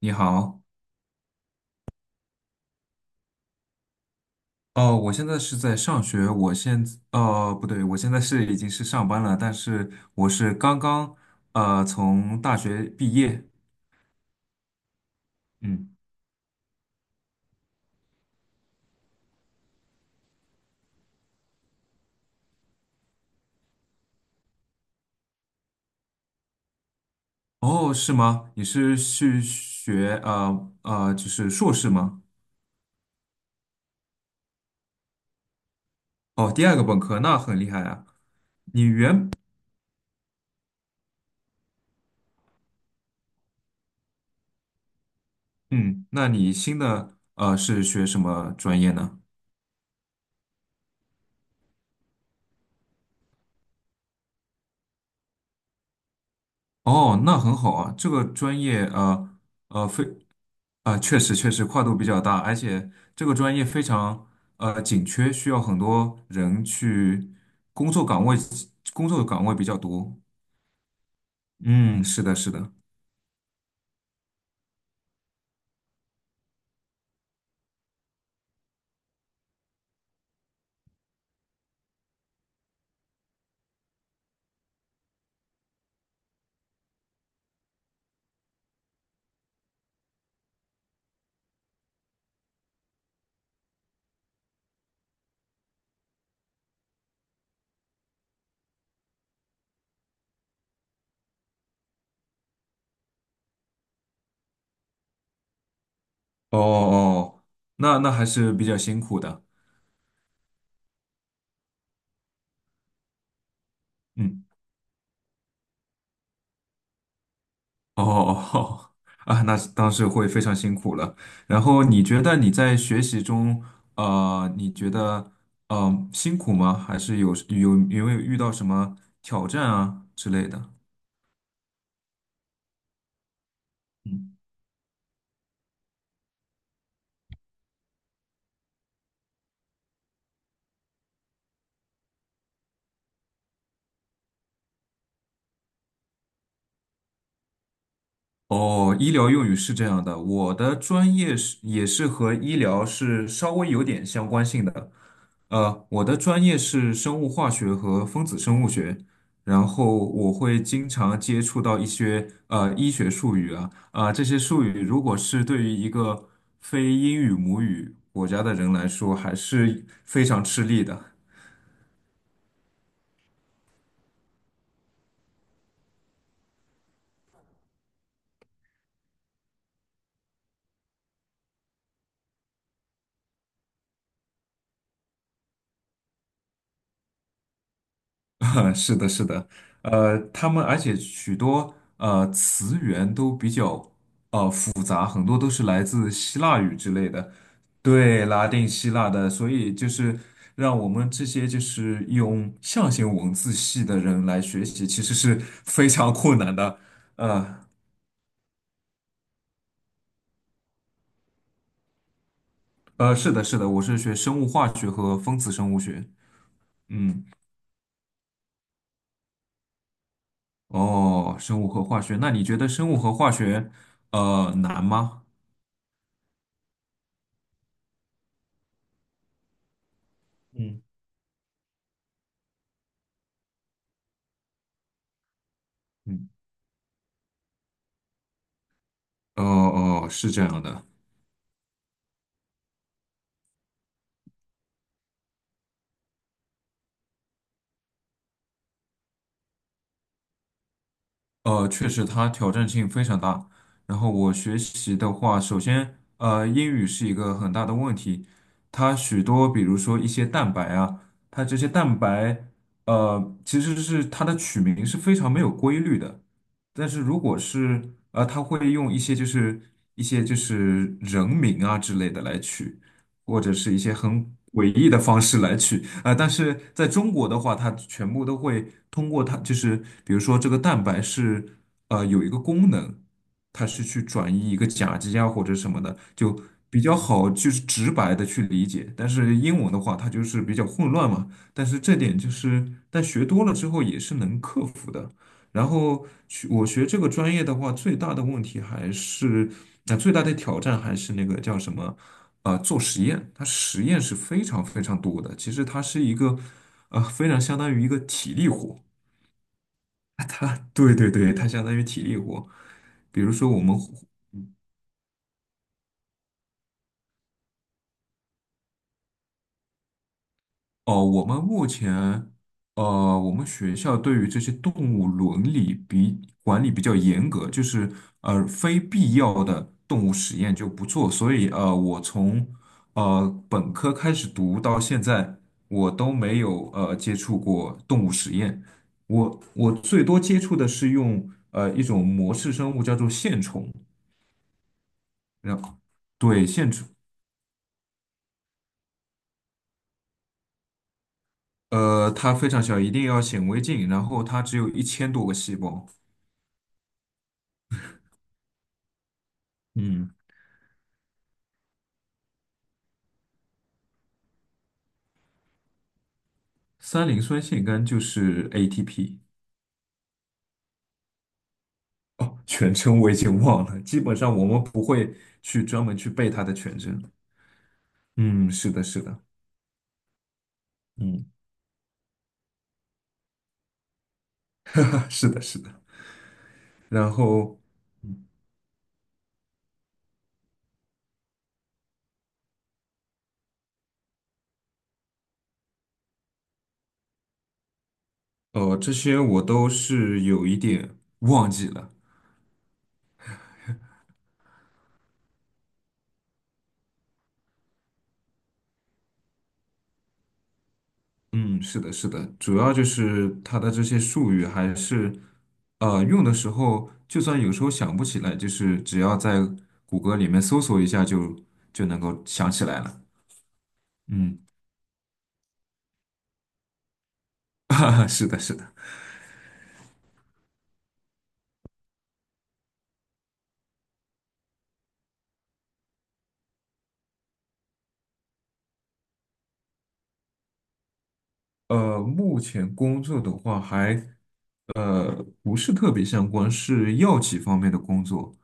你好。哦，我现在是在上学。我现在，哦，不对，我现在是已经是上班了，但是我是刚刚，从大学毕业。嗯。哦，是吗？你是去学，就是硕士吗？哦，第二个本科，那很厉害啊。你原，嗯。那你新的，是学什么专业呢？哦，那很好啊。这个专业，呃呃，非。啊，确实确实跨度比较大，而且这个专业非常紧缺，需要很多人去工作岗位，工作岗位比较多。嗯，是的，是的。哦哦，那还是比较辛苦的。嗯。哦哦哦，啊，那当时会非常辛苦了。然后你觉得你在学习中，你觉得辛苦吗？还是有没有遇到什么挑战啊之类的？哦，医疗用语是这样的，我的专业是也是和医疗是稍微有点相关性的。我的专业是生物化学和分子生物学。然后我会经常接触到一些医学术语啊。啊、这些术语如果是对于一个非英语母语国家的人来说，还是非常吃力的。是的，是的。他们而且许多词源都比较复杂，很多都是来自希腊语之类的。对，拉丁希腊的，所以就是让我们这些就是用象形文字系的人来学习，其实是非常困难的。呃是的，是的，我是学生物化学和分子生物学。嗯。哦，生物和化学，那你觉得生物和化学难吗？嗯。嗯。哦哦，是这样的。确实它挑战性非常大。然后我学习的话，首先，英语是一个很大的问题。它许多，比如说一些蛋白啊，它这些蛋白，其实是它的取名是非常没有规律的。但是如果是他会用一些就是人名啊之类的来取，或者是一些很诡异的方式来取啊、但是在中国的话，它全部都会通过它，就是比如说这个蛋白是有一个功能，它是去转移一个甲基啊或者什么的，就比较好就是直白的去理解。但是英文的话，它就是比较混乱嘛。但是这点就是，但学多了之后也是能克服的。然后我学这个专业的话，最大的问题还是，那、最大的挑战还是那个叫什么，啊、做实验，它实验是非常非常多的。其实它是一个，啊、非常相当于一个体力活。它，对对对，它相当于体力活。比如说我们目前，我们学校对于这些动物伦理比管理比较严格，就是非必要的动物实验就不做。所以，我从本科开始读到现在，我都没有接触过动物实验。我最多接触的是用一种模式生物叫做线虫。然后对线虫，它非常小，一定要显微镜，然后它只有1000多个细胞。嗯。三磷酸腺苷就是 ATP。 哦，全称我已经忘了，基本上我们不会去专门去背它的全称。嗯，是的，是的。嗯，啊是的，是的。然后，这些我都是有一点忘记了。嗯，是的，是的，主要就是它的这些术语还是用的时候，就算有时候想不起来，就是只要在谷歌里面搜索一下就能够想起来了。嗯，是的，是的。目前工作的话还不是特别相关，是药企方面的工作。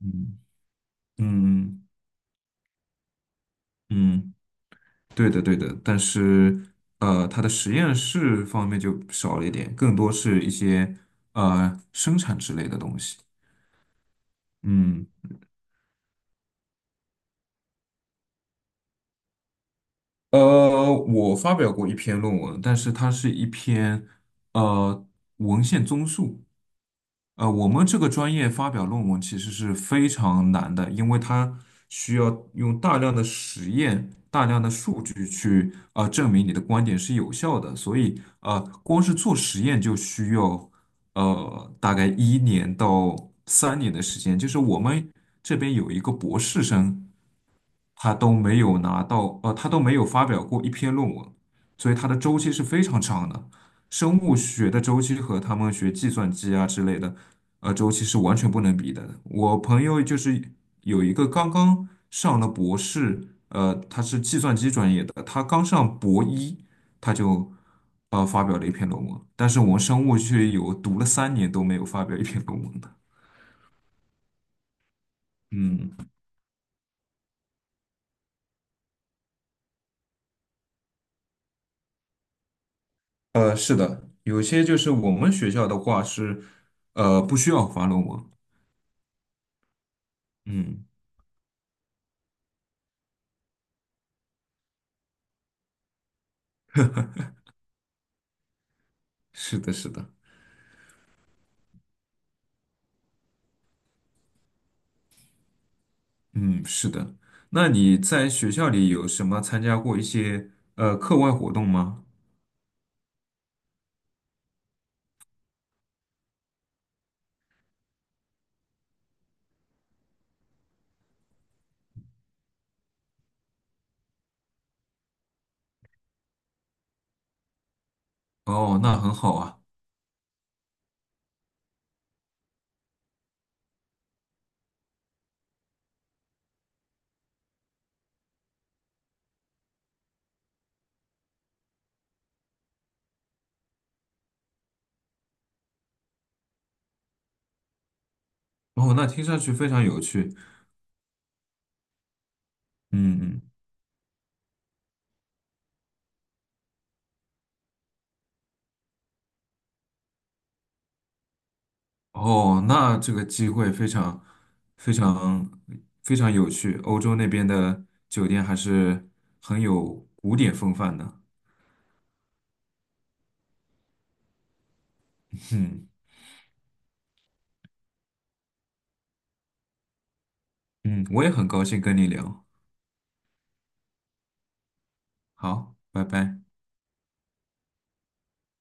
嗯嗯嗯，对的对的，但是它的实验室方面就少了一点，更多是一些生产之类的东西。嗯。我发表过一篇论文，但是它是一篇呃文献综述。我们这个专业发表论文其实是非常难的，因为它需要用大量的实验、大量的数据去证明你的观点是有效的，所以光是做实验就需要大概1到3年的时间。就是我们这边有一个博士生，他都没有拿到，他都没有发表过一篇论文，所以他的周期是非常长的。生物学的周期和他们学计算机啊之类的，周期是完全不能比的。我朋友就是有一个刚刚上了博士，他是计算机专业的，他刚上博一，他就发表了一篇论文，但是我们生物却有读了三年都没有发表一篇论文的。嗯。是的，有些就是我们学校的话是，不需要发论文。嗯，是的，是的，嗯，是的。那你在学校里有什么参加过一些课外活动吗？哦，那很好啊。哦，那听上去非常有趣。嗯嗯。哦，那这个机会非常非常非常有趣。欧洲那边的酒店还是很有古典风范的。嗯嗯，我也很高兴跟你聊。好，拜拜。